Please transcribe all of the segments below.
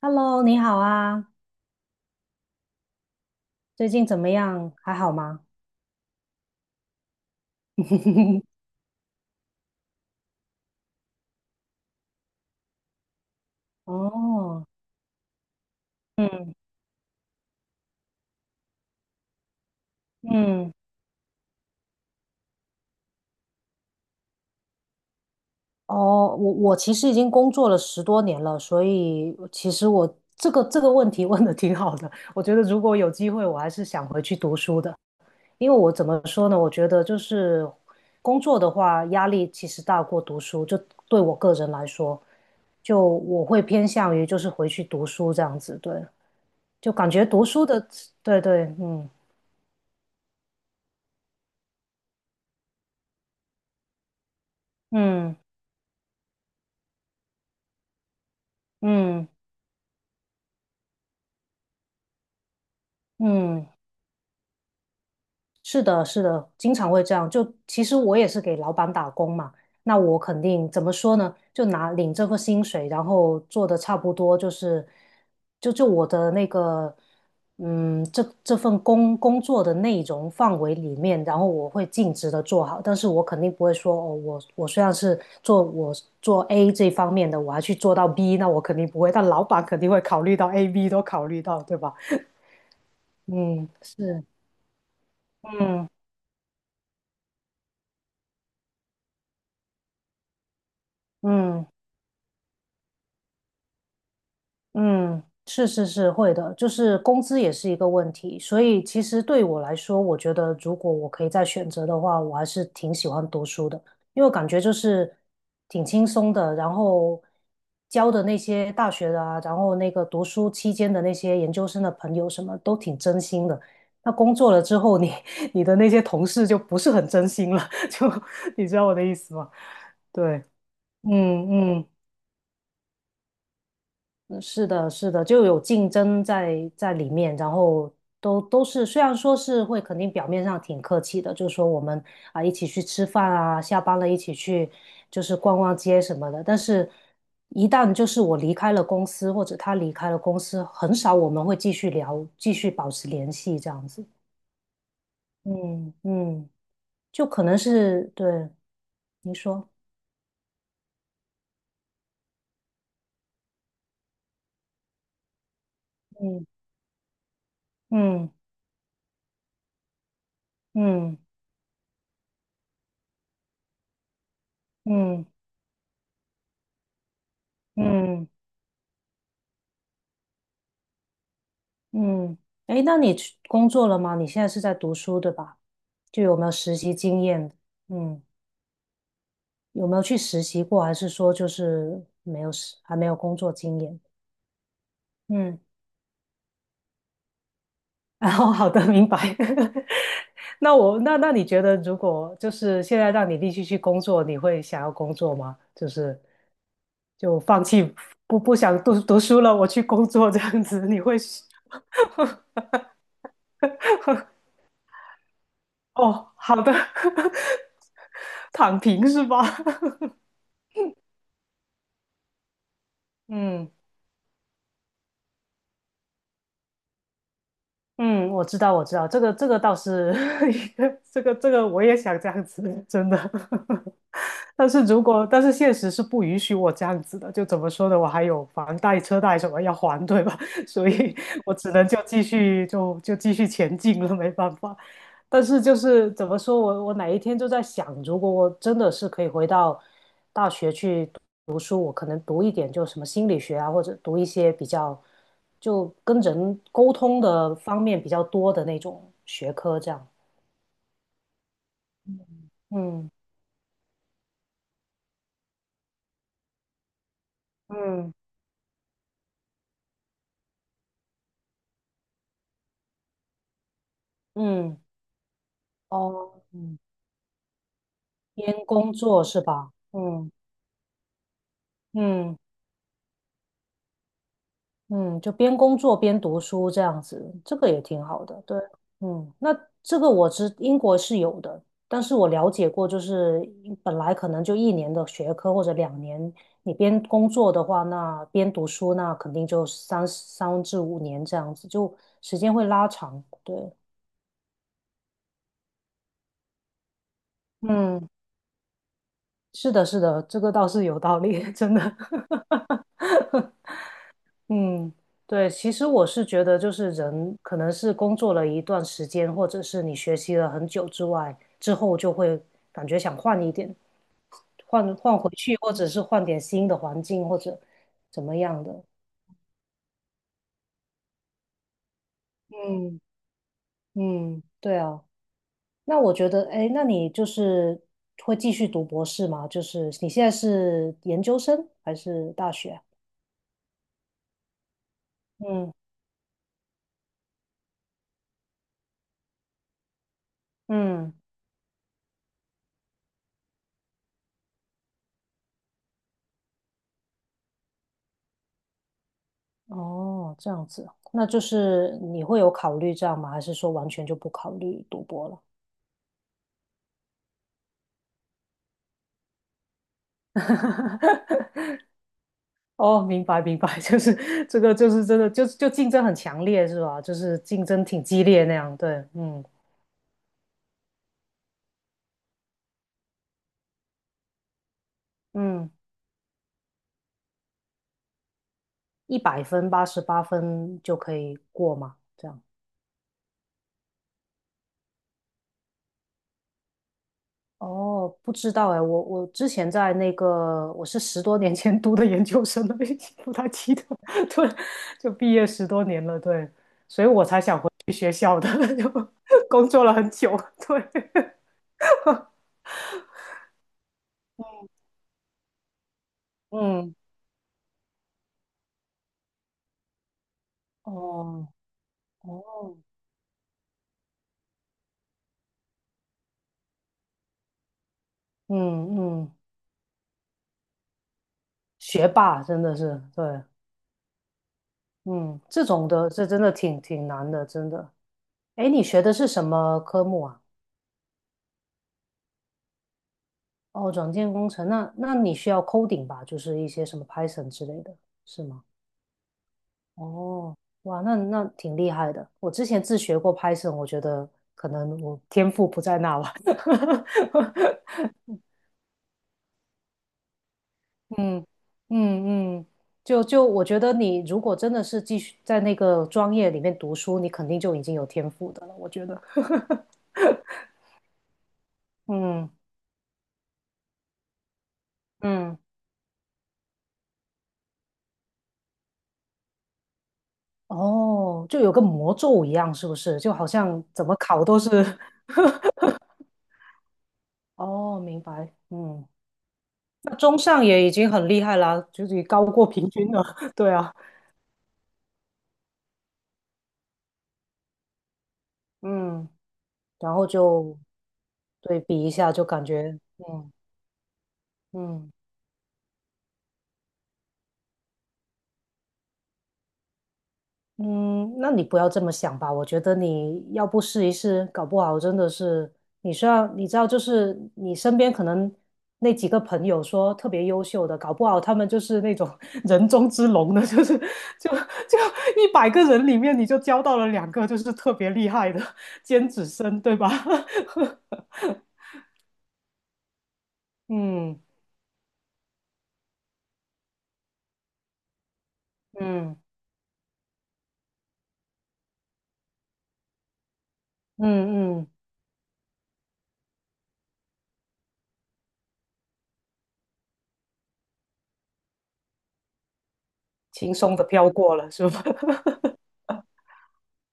Hello，你好啊，最近怎么样？还好吗？哦，嗯嗯，哦，我其实已经工作了十多年了，所以其实我这个问题问的挺好的。我觉得如果有机会，我还是想回去读书的，因为我怎么说呢？我觉得就是工作的话，压力其实大过读书，就对我个人来说，就我会偏向于就是回去读书这样子，对，就感觉读书的，对对，嗯嗯。嗯嗯，是的，是的，经常会这样。就其实我也是给老板打工嘛，那我肯定怎么说呢？就拿领这份薪水，然后做的差不多，就是就我的那个嗯，这份工作的内容范围里面，然后我会尽职的做好，但是我肯定不会说哦，我虽然是做我做 A 这方面的，我还去做到 B，那我肯定不会，但老板肯定会考虑到 A、B 都考虑到，对吧？嗯，是，嗯。嗯嗯，是是是会的，就是工资也是一个问题，所以其实对我来说，我觉得如果我可以再选择的话，我还是挺喜欢读书的，因为我感觉就是挺轻松的，然后教的那些大学的啊，然后那个读书期间的那些研究生的朋友什么都挺真心的。那工作了之后你，你的那些同事就不是很真心了，就你知道我的意思吗？对，嗯嗯嗯是的，是的，就有竞争在里面，然后都是虽然说是会肯定表面上挺客气的，就是说我们啊一起去吃饭啊，下班了一起去就是逛逛街什么的，但是一旦就是我离开了公司或者他离开了公司，很少我们会继续聊，继续保持联系这样子。嗯嗯，就可能是对你说，嗯嗯嗯嗯。嗯嗯嗯，诶，那你去工作了吗？你现在是在读书，对吧？就有没有实习经验？嗯，有没有去实习过，还是说就是没有实，还没有工作经验？嗯，然后好的，明白。那我那那你觉得，如果就是现在让你立即去工作，你会想要工作吗？就是就放弃不想读书了，我去工作这样子，你会？哦，好的，躺平是吧？嗯。嗯，我知道，我知道，这个这个倒是 一个这个我也想这样子，真的。但是如果但是现实是不允许我这样子的，就怎么说呢？我还有房贷、车贷什么要还，对吧？所以我只能就继续就继续前进了，没办法。但是就是怎么说，我哪一天就在想，如果我真的是可以回到大学去。读书，我可能读一点就什么心理学啊，或者读一些比较就跟人沟通的方面比较多的那种学科，这样。嗯嗯，嗯，哦，嗯，边工作是吧？嗯嗯。嗯，就边工作边读书这样子，这个也挺好的。对，嗯，那这个我知英国是有的，但是我了解过，就是本来可能就1年的学科或者2年，你边工作的话，那边读书，那肯定就三至五年这样子，就时间会拉长。对，嗯，是的，是的，这个倒是有道理，真的。嗯，对，其实我是觉得，就是人可能是工作了一段时间，或者是你学习了很久之外，之后就会感觉想换一点，换换回去，或者是换点新的环境，或者怎么样的。嗯嗯，对啊。那我觉得，哎，那你就是会继续读博士吗？就是你现在是研究生还是大学啊？嗯嗯。哦，这样子，那就是你会有考虑这样吗？还是说完全就不考虑赌博了？哦，明白明白，就是这个，就是真的，就竞争很强烈是吧？就是竞争挺激烈那样，对，嗯嗯，100分、88分就可以过嘛，这样。哦，不知道哎，我之前在那个，我是十多年前读的研究生了，已经不太记得，对，就毕业十多年了，对，所以我才想回去学校的，就工作了很久，对，嗯，哦，哦，嗯嗯，学霸真的是，对，嗯，这种的，这真的挺难的，真的。哎，你学的是什么科目啊？哦，软件工程，那你需要 coding 吧，就是一些什么 Python 之类的，是吗？哦，哇，那挺厉害的。我之前自学过 Python，我觉得可能我天赋不在那吧。嗯嗯嗯，就我觉得你如果真的是继续在那个专业里面读书，你肯定就已经有天赋的了。我觉得，嗯嗯，哦，就有个魔咒一样，是不是？就好像怎么考都是。哦，明白。嗯，那中上也已经很厉害啦，就是高过平均了。对啊，嗯。然后就对比一下，就感觉，嗯嗯嗯，那你不要这么想吧。我觉得你要不试一试，搞不好真的是你需要，你知道，就是你身边可能那几个朋友说特别优秀的，搞不好他们就是那种 人中之龙的，就是 就100个人里面你就交到了2个就是特别厉害的尖子生，对吧？嗯嗯嗯嗯，轻松的飘过了，是吧？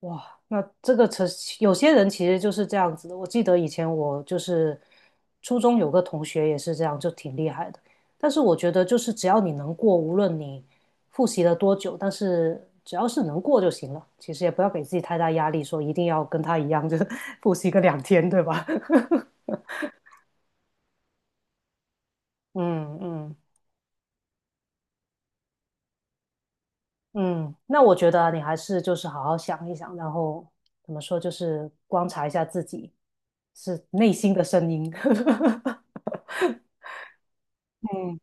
哇，那这个车有些人其实就是这样子的。我记得以前我就是初中有个同学也是这样，就挺厉害的。但是我觉得就是只要你能过，无论你复习了多久，但是只要是能过就行了。其实也不要给自己太大压力，说一定要跟他一样，就 复习个2天，对吧？嗯嗯嗯，那我觉得啊你还是就是好好想一想，然后怎么说，就是观察一下自己是内心的声音。嗯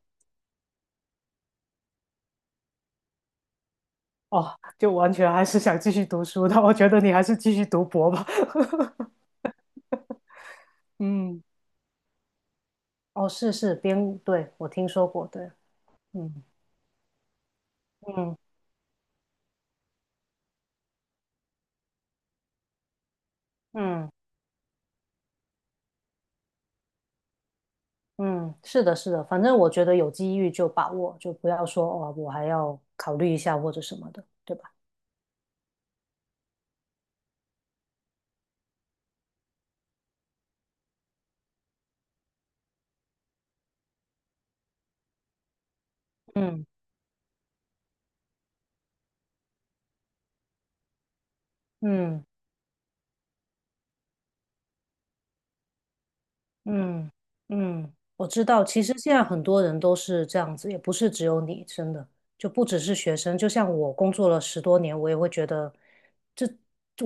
哦，就完全还是想继续读书的，我觉得你还是继续读博吧。嗯，哦，是是编，对，我听说过，对，嗯嗯嗯嗯，是的，是的，反正我觉得有机遇就把握，就不要说哦，我还要考虑一下或者什么的，对吧？嗯嗯。嗯嗯，我知道。其实现在很多人都是这样子，也不是只有你，真的，就不只是学生。就像我工作了十多年，我也会觉得，这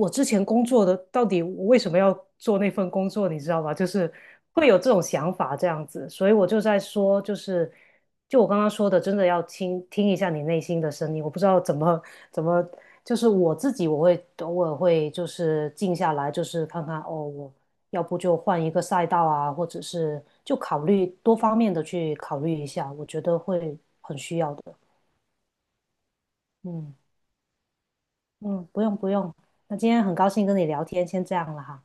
我之前工作的到底我为什么要做那份工作，你知道吧？就是会有这种想法这样子。所以我就在说，就是就我刚刚说的，真的要听一下你内心的声音。我不知道怎么，就是我自己，我会偶尔会就是静下来，就是看看哦，我。要不就换一个赛道啊，或者是就考虑多方面的去考虑一下，我觉得会很需要的。嗯嗯，不用不用，那今天很高兴跟你聊天，先这样了哈，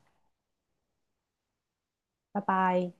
拜拜。